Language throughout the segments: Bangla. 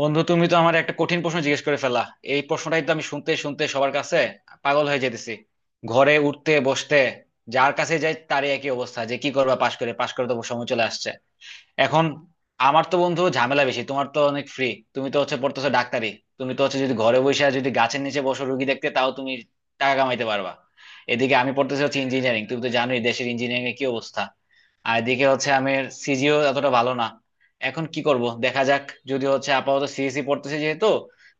বন্ধু, তুমি তো আমার একটা কঠিন প্রশ্ন জিজ্ঞেস করে ফেলা। এই প্রশ্নটাই তো আমি শুনতে শুনতে সবার কাছে পাগল হয়ে যেতেছি। ঘরে উঠতে বসতে যার কাছে যাই তারই একই অবস্থা যে কি করবা, পাশ করে পাশ করে তো সময় চলে আসছে এখন। আমার তো, বন্ধু, ঝামেলা বেশি, তোমার তো অনেক ফ্রি। তুমি তো হচ্ছে পড়তেছো ডাক্তারি, তুমি তো হচ্ছে যদি ঘরে বসে আর যদি গাছের নিচে বসো রুগী দেখতে তাও তুমি টাকা কামাইতে পারবা। এদিকে আমি পড়তেছি হচ্ছে ইঞ্জিনিয়ারিং, তুমি তো জানোই দেশের ইঞ্জিনিয়ারিং এর কি অবস্থা। আর এদিকে হচ্ছে আমি সিজিও এতটা ভালো না। এখন কি করব দেখা যাক, যদি হচ্ছে আপাতত সিএসি পড়তেছে যেহেতু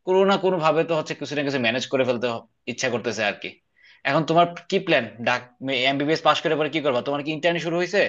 কোনো না কোনো ভাবে তো হচ্ছে কিছু না কিছু ম্যানেজ করে ফেলতে ইচ্ছা করতেছে আর কি। এখন তোমার কি প্ল্যান, ডাক? এমবিবিএস পাশ করে পরে কি করবা, তোমার কি ইন্টার্নি শুরু হয়েছে?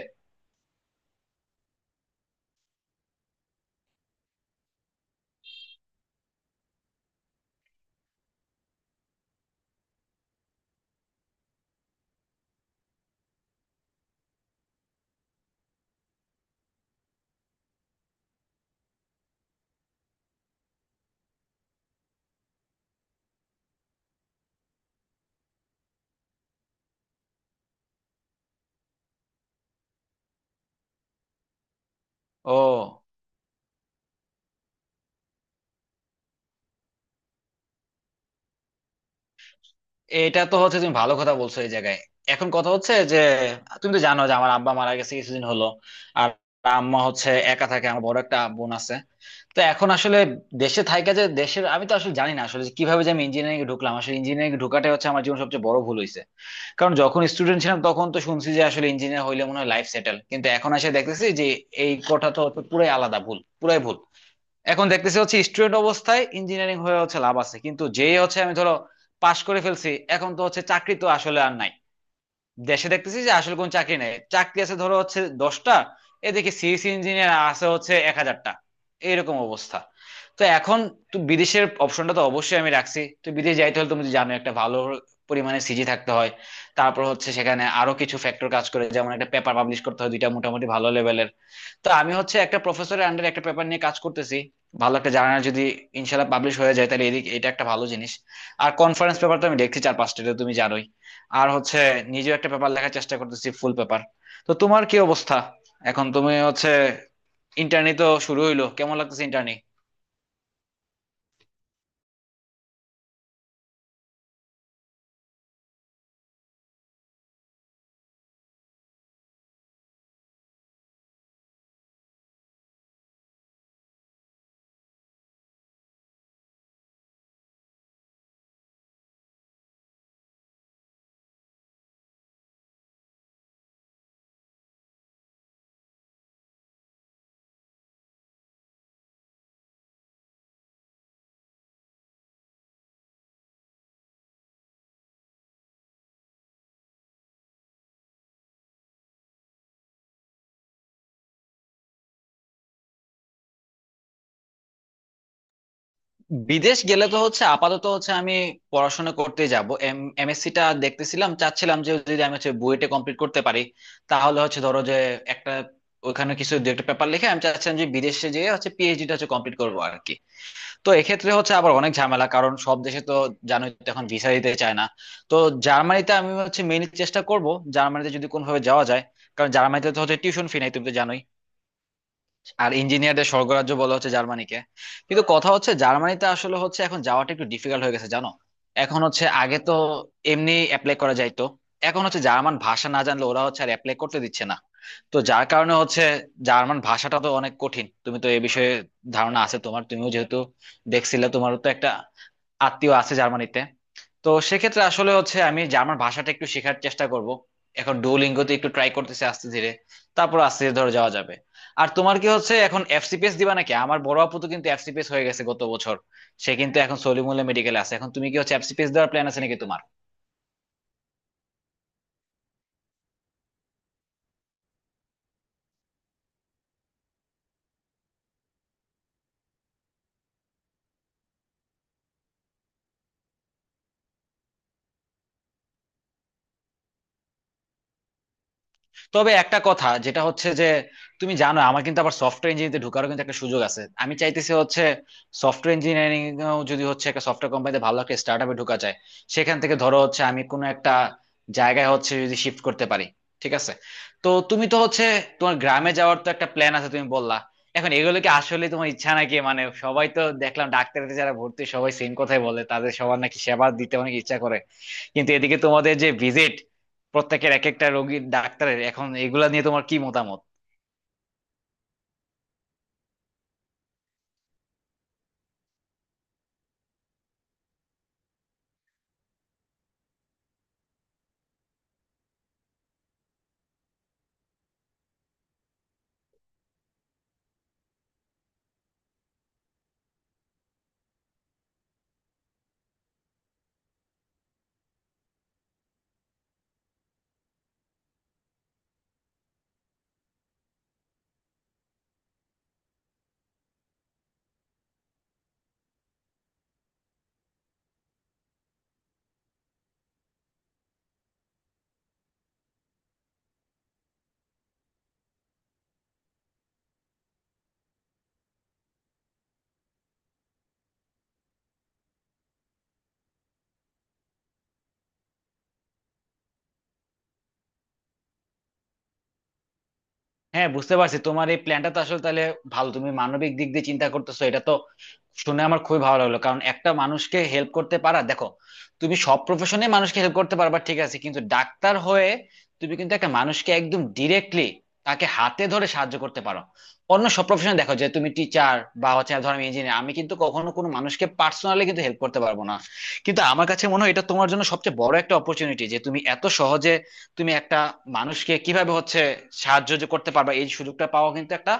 ও, এটা তো হচ্ছে তুমি ভালো কথা বলছো এই জায়গায়। এখন কথা হচ্ছে যে তুমি তো জানো যে আমার আব্বা মারা গেছে কিছুদিন হলো। আর আম্মা হচ্ছে একা থাকে, আমার বড় একটা বোন আছে। তো এখন আসলে দেশে থাইকা যে দেশের আমি তো আসলে জানি না আসলে যে কিভাবে যে আমি ইঞ্জিনিয়ারিং এ ঢুকলাম, আসলে ইঞ্জিনিয়ারিং এ ঢোকাটাই হচ্ছে আমার জীবন সবচেয়ে বড় ভুল হয়েছে। কারণ যখন স্টুডেন্ট ছিলাম তখন তো শুনছি যে আসলে ইঞ্জিনিয়ার হইলে মনে হয় লাইফ সেটেল, কিন্তু এখন এসে দেখতেছি যে এই কথাটা হচ্ছে পুরাই আলাদা, ভুল পুরাই ভুল। এখন দেখতেছি হচ্ছে স্টুডেন্ট অবস্থায় ইঞ্জিনিয়ারিং হয়ে হচ্ছে লাভ আছে, কিন্তু যেই হচ্ছে আমি ধরো পাশ করে ফেলছি এখন তো হচ্ছে চাকরি তো আসলে আর নাই। দেশে দেখতেছি যে আসলে কোন চাকরি নাই, চাকরি আছে ধরো হচ্ছে 10টা, এদিকে সিএসসি ইঞ্জিনিয়ার আছে হচ্ছে 1000টা, এইরকম অবস্থা। তো এখন, তো বিদেশের অপশনটা তো অবশ্যই আমি রাখছি, তো বিদেশ যাইতে হলে তুমি তো জানো একটা ভালো পরিমাণে সিজি থাকতে হয়। তারপর হচ্ছে সেখানে আরো কিছু ফ্যাক্টর কাজ করে, যেমন একটা পেপার পাবলিশ করতে হয় দুইটা মোটামুটি ভালো লেভেলের। তো আমি হচ্ছে একটা প্রফেসরের আন্ডারে একটা পেপার নিয়ে কাজ করতেছি, ভালো একটা জার্নাল যদি ইনশাল্লাহ পাবলিশ হয়ে যায় তাহলে এদিক এটা একটা ভালো জিনিস। আর কনফারেন্স পেপার তো আমি দেখছি চার পাঁচটা, এটা তুমি জানোই। আর হচ্ছে নিজেও একটা পেপার লেখার চেষ্টা করতেছি, ফুল পেপার। তো তোমার কি অবস্থা, এখন তুমি হচ্ছে ইন্টার্নি তো শুরু হইলো, কেমন লাগতেছে ইন্টার্নি? বিদেশ গেলে তো হচ্ছে আপাতত হচ্ছে আমি পড়াশোনা করতে যাব। এমএসসি টা দেখতেছিলাম, চাচ্ছিলাম যে যদি আমি হচ্ছে বুয়েটে কমপ্লিট করতে পারি তাহলে হচ্ছে ধরো যে একটা, ওখানে কিছু দু একটা পেপার লিখে আমি চাচ্ছিলাম যে বিদেশে যেয়ে হচ্ছে পিএইচডি টা হচ্ছে কমপ্লিট করবো আর কি। তো এক্ষেত্রে হচ্ছে আবার অনেক ঝামেলা, কারণ সব দেশে তো জানোই তো এখন ভিসা দিতে চায় না। তো জার্মানিতে আমি হচ্ছে মেইনলি চেষ্টা করব, জার্মানিতে যদি কোনোভাবে যাওয়া যায়। কারণ জার্মানিতে তো হচ্ছে টিউশন ফি নাই, তুমি তো জানোই। আর ইঞ্জিনিয়ারদের স্বর্গরাজ্য বলা হচ্ছে জার্মানিকে। কিন্তু কথা হচ্ছে জার্মানিতে আসলে হচ্ছে এখন যাওয়াটা একটু ডিফিকাল্ট হয়ে গেছে, জানো। এখন হচ্ছে আগে তো এমনি অ্যাপ্লাই করা যাইতো, এখন হচ্ছে জার্মান ভাষা না জানলে ওরা হচ্ছে আর অ্যাপ্লাই করতে দিচ্ছে না। তো যার কারণে হচ্ছে জার্মান ভাষাটা তো অনেক কঠিন, তুমি তো এ বিষয়ে ধারণা আছে তোমার, তুমিও যেহেতু দেখছিলে, তোমারও তো একটা আত্মীয় আছে জার্মানিতে। তো সেক্ষেত্রে আসলে হচ্ছে আমি জার্মান ভাষাটা একটু শেখার চেষ্টা করব। এখন ডুওলিঙ্গোতে একটু ট্রাই করতেছি আস্তে ধীরে, তারপর আস্তে ধীরে ধরে যাওয়া যাবে। আর তোমার কি হচ্ছে এখন এফসিপিএস দিবা নাকি? আমার বড় আপু তো কিন্তু এফসিপিএস হয়ে গেছে গত বছর, সে কিন্তু এখন সলিমুল্লাহ মেডিকেলে আছে। এখন তুমি কি হচ্ছে এফসিপিএস দেওয়ার প্ল্যান আছে নাকি তোমার? তবে একটা কথা যেটা হচ্ছে যে, তুমি জানো আমার কিন্তু আবার সফটওয়্যার ইঞ্জিনিয়ারিংতে ঢোকারও কিন্তু একটা সুযোগ আছে। আমি চাইতেছি হচ্ছে সফটওয়্যার ইঞ্জিনিয়ারিং, যদি হচ্ছে একটা সফটওয়্যার কোম্পানিতে ভালো একটা স্টার্ট আপে ঢোকা যায়, সেখান থেকে ধরো হচ্ছে আমি কোনো একটা জায়গায় হচ্ছে যদি শিফট করতে পারি, ঠিক আছে। তো তুমি তো হচ্ছে তোমার গ্রামে যাওয়ার তো একটা প্ল্যান আছে তুমি বললা, এখন এগুলো কি আসলে তোমার ইচ্ছা নাকি? মানে সবাই তো দেখলাম ডাক্তারিতে যারা ভর্তি সবাই সেম কথাই বলে, তাদের সবার নাকি সেবা দিতে অনেক ইচ্ছা করে। কিন্তু এদিকে তোমাদের যে ভিজিট, প্রত্যেকের এক একটা রোগীর ডাক্তারের, এখন এগুলা নিয়ে তোমার কি মতামত? হ্যাঁ, বুঝতে পারছি, তোমার এই প্ল্যানটা তো আসলে তাহলে ভালো, তুমি মানবিক দিক দিয়ে চিন্তা করতেছো, এটা তো শুনে আমার খুবই ভালো লাগলো। কারণ একটা মানুষকে হেল্প করতে পারা, দেখো তুমি সব প্রফেশনে মানুষকে হেল্প করতে পারবা ঠিক আছে, কিন্তু ডাক্তার হয়ে তুমি কিন্তু একটা মানুষকে একদম ডিরেক্টলি তাকে হাতে ধরে সাহায্য করতে পারো। অন্য সব প্রফেশনে দেখো যে তুমি টিচার বা হচ্ছে ধরো আমি ইঞ্জিনিয়ার, আমি কিন্তু কখনো কোনো মানুষকে পার্সোনালি কিন্তু হেল্প করতে পারবো না। কিন্তু আমার কাছে মনে হয় এটা তোমার জন্য সবচেয়ে বড় একটা অপরচুনিটি যে তুমি এত সহজে, তুমি একটা মানুষকে কিভাবে হচ্ছে সাহায্য যে করতে পারবা, এই সুযোগটা পাওয়া কিন্তু একটা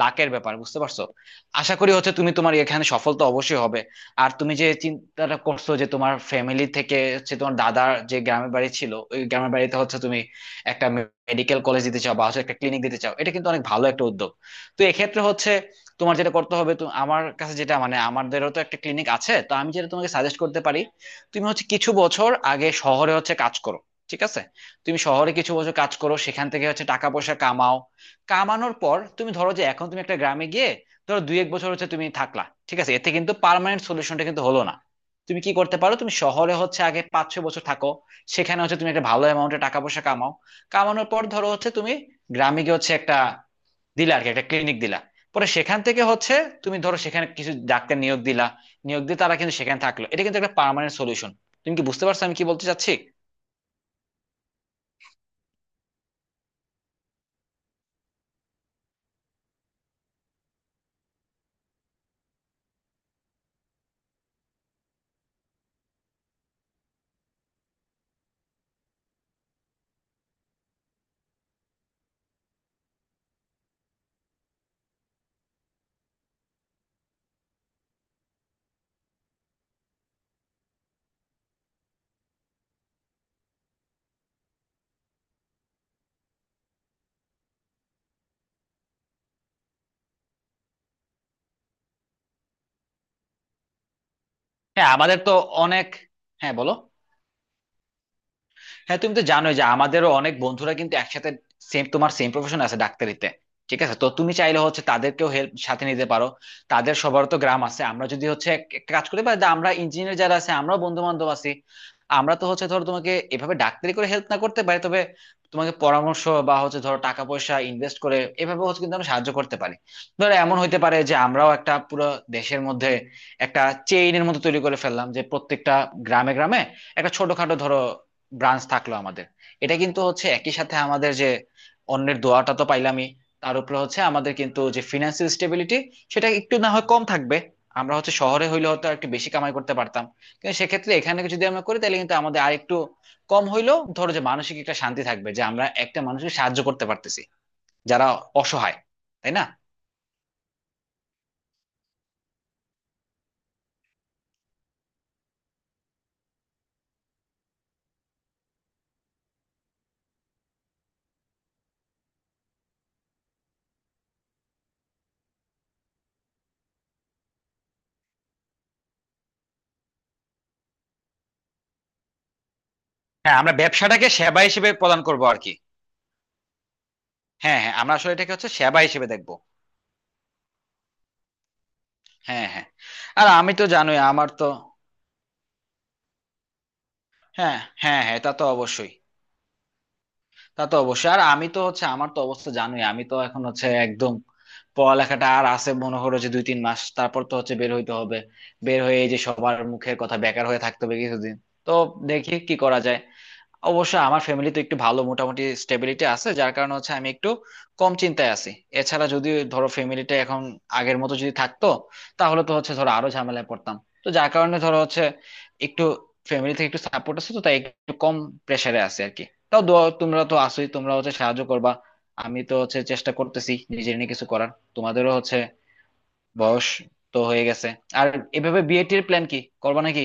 লাকের ব্যাপার, বুঝতে পারছো? আশা করি হচ্ছে তুমি তোমার এখানে সফল তো অবশ্যই হবে। আর তুমি যে চিন্তাটা করছো যে তোমার ফ্যামিলি থেকে হচ্ছে তোমার দাদার যে গ্রামের বাড়ি ছিল, ওই গ্রামের বাড়িতে হচ্ছে তুমি একটা মেডিকেল কলেজ দিতে চাও বা হচ্ছে একটা ক্লিনিক দিতে চাও, এটা কিন্তু অনেক ভালো একটা উদ্যোগ। তো এক্ষেত্রে হচ্ছে তোমার যেটা করতে হবে, তো আমার কাছে যেটা মানে, আমাদেরও তো একটা ক্লিনিক আছে, তো আমি যেটা তোমাকে সাজেস্ট করতে পারি, তুমি হচ্ছে কিছু বছর আগে শহরে হচ্ছে কাজ করো, ঠিক আছে। তুমি শহরে কিছু বছর কাজ করো, সেখান থেকে হচ্ছে টাকা পয়সা কামাও, কামানোর পর তুমি ধরো যে এখন তুমি একটা গ্রামে গিয়ে ধরো 2 1 বছর হচ্ছে তুমি থাকলা, ঠিক আছে, এতে কিন্তু পার্মানেন্ট সলিউশনটা কিন্তু হলো না। তুমি কি করতে পারো, তুমি শহরে হচ্ছে আগে 5 6 বছর থাকো, সেখানে হচ্ছে তুমি একটা ভালো অ্যামাউন্টে টাকা পয়সা কামাও, কামানোর পর ধরো হচ্ছে তুমি গ্রামে গিয়ে হচ্ছে একটা দিলা আর কি একটা ক্লিনিক দিলা। পরে সেখান থেকে হচ্ছে তুমি ধরো সেখানে কিছু ডাক্তার নিয়োগ দিলা, নিয়োগ দিয়ে তারা কিন্তু সেখানে থাকলো, এটা কিন্তু একটা পার্মানেন্ট সলিউশন। তুমি কি বুঝতে পারছো আমি কি বলতে চাচ্ছি? হ্যাঁ আমাদের তো অনেক। হ্যাঁ, বলো। হ্যাঁ তুমি তো জানোই যে আমাদেরও অনেক বন্ধুরা কিন্তু একসাথে সেম তোমার সেম প্রফেশন আছে ডাক্তারিতে, ঠিক আছে। তো তুমি চাইলে হচ্ছে তাদেরকেও হেল্প সাথে নিতে পারো, তাদের সবার তো গ্রাম আছে। আমরা যদি হচ্ছে একটা কাজ করি বা আমরা ইঞ্জিনিয়ার যারা আছে আমরাও বন্ধু বান্ধব আছি। আমরা তো হচ্ছে ধরো তোমাকে এভাবে ডাক্তারি করে হেল্প না করতে পারি, তবে তোমাকে পরামর্শ বা হচ্ছে ধরো টাকা পয়সা ইনভেস্ট করে এভাবে হচ্ছে কিন্তু আমরা সাহায্য করতে পারি। ধরো এমন হইতে পারে যে আমরাও একটা পুরো দেশের মধ্যে একটা চেইনের মতো তৈরি করে ফেললাম, যে প্রত্যেকটা গ্রামে গ্রামে একটা ছোটখাটো ধরো ব্রাঞ্চ থাকলো আমাদের। এটা কিন্তু হচ্ছে একই সাথে আমাদের যে অন্যের দোয়াটা তো পাইলামই, তার উপরে হচ্ছে আমাদের কিন্তু যে ফিনান্সিয়াল স্টেবিলিটি সেটা একটু না হয় কম থাকবে। আমরা হচ্ছে শহরে হইলে হয়তো একটু বেশি কামাই করতে পারতাম, কিন্তু সেক্ষেত্রে এখানে যদি আমরা করি তাহলে কিন্তু আমাদের আর একটু কম হইলেও ধরো যে মানসিক একটা শান্তি থাকবে যে আমরা একটা মানুষকে সাহায্য করতে পারতেছি যারা অসহায়, তাই না? হ্যাঁ, আমরা ব্যবসাটাকে সেবা হিসেবে প্রদান করব আর কি। হ্যাঁ, হ্যাঁ, আমরা আসলে এটাকে হচ্ছে সেবা হিসেবে দেখবো। হ্যাঁ, হ্যাঁ, আর আমি তো জানোই আমার তো। হ্যাঁ, হ্যাঁ, হ্যাঁ, তা তো অবশ্যই, তা তো অবশ্যই। আর আমি তো হচ্ছে আমার তো অবস্থা জানোই, আমি তো এখন হচ্ছে একদম পড়ালেখাটা আর আছে মনে করো যে 2 3 মাস, তারপর তো হচ্ছে বের হইতে হবে। বের হয়ে এই যে সবার মুখের কথা, বেকার হয়ে থাকতে হবে কিছুদিন। তো দেখি কি করা যায়। অবশ্য আমার ফ্যামিলি তো একটু ভালো, মোটামুটি স্টেবিলিটি আছে, যার কারণে হচ্ছে আমি একটু কম চিন্তায় আছি। এছাড়া যদি ধরো ফ্যামিলিটা এখন আগের মতো যদি থাকতো তাহলে তো হচ্ছে ধরো আরো ঝামেলায় পড়তাম। তো যার কারণে ধরো হচ্ছে একটু ফ্যামিলি থেকে একটু সাপোর্ট আছে তো তাই একটু কম প্রেসারে আছে আর কি। তাও তোমরা তো আসোই, তোমরা হচ্ছে সাহায্য করবা। আমি তো হচ্ছে চেষ্টা করতেছি নিজের নিয়ে কিছু করার। তোমাদেরও হচ্ছে বয়স তো হয়ে গেছে, আর এভাবে বিয়ে টির প্ল্যান কি, করবা নাকি?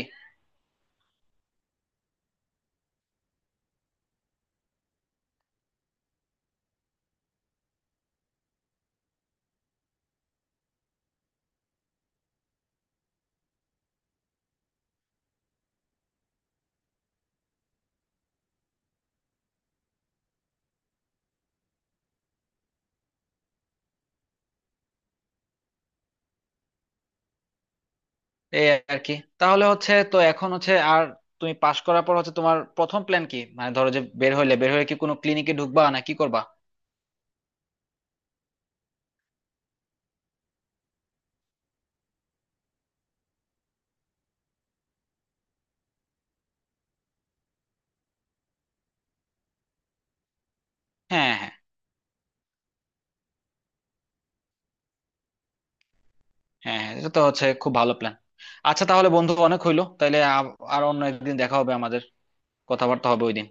এই আর কি, তাহলে হচ্ছে তো এখন হচ্ছে আর তুমি পাশ করার পর হচ্ছে তোমার প্রথম প্ল্যান কি, মানে ধরো যে বের হইলে বের হয়ে কি কোনো ক্লিনিকে ঢুকবা না কি করবা? হ্যাঁ, হ্যাঁ, হ্যাঁ। হ্যাঁ, এটা তো হচ্ছে খুব ভালো প্ল্যান। আচ্ছা তাহলে বন্ধু অনেক হইলো, তাইলে আর অন্য একদিন দেখা হবে আমাদের, কথাবার্তা হবে ওইদিন।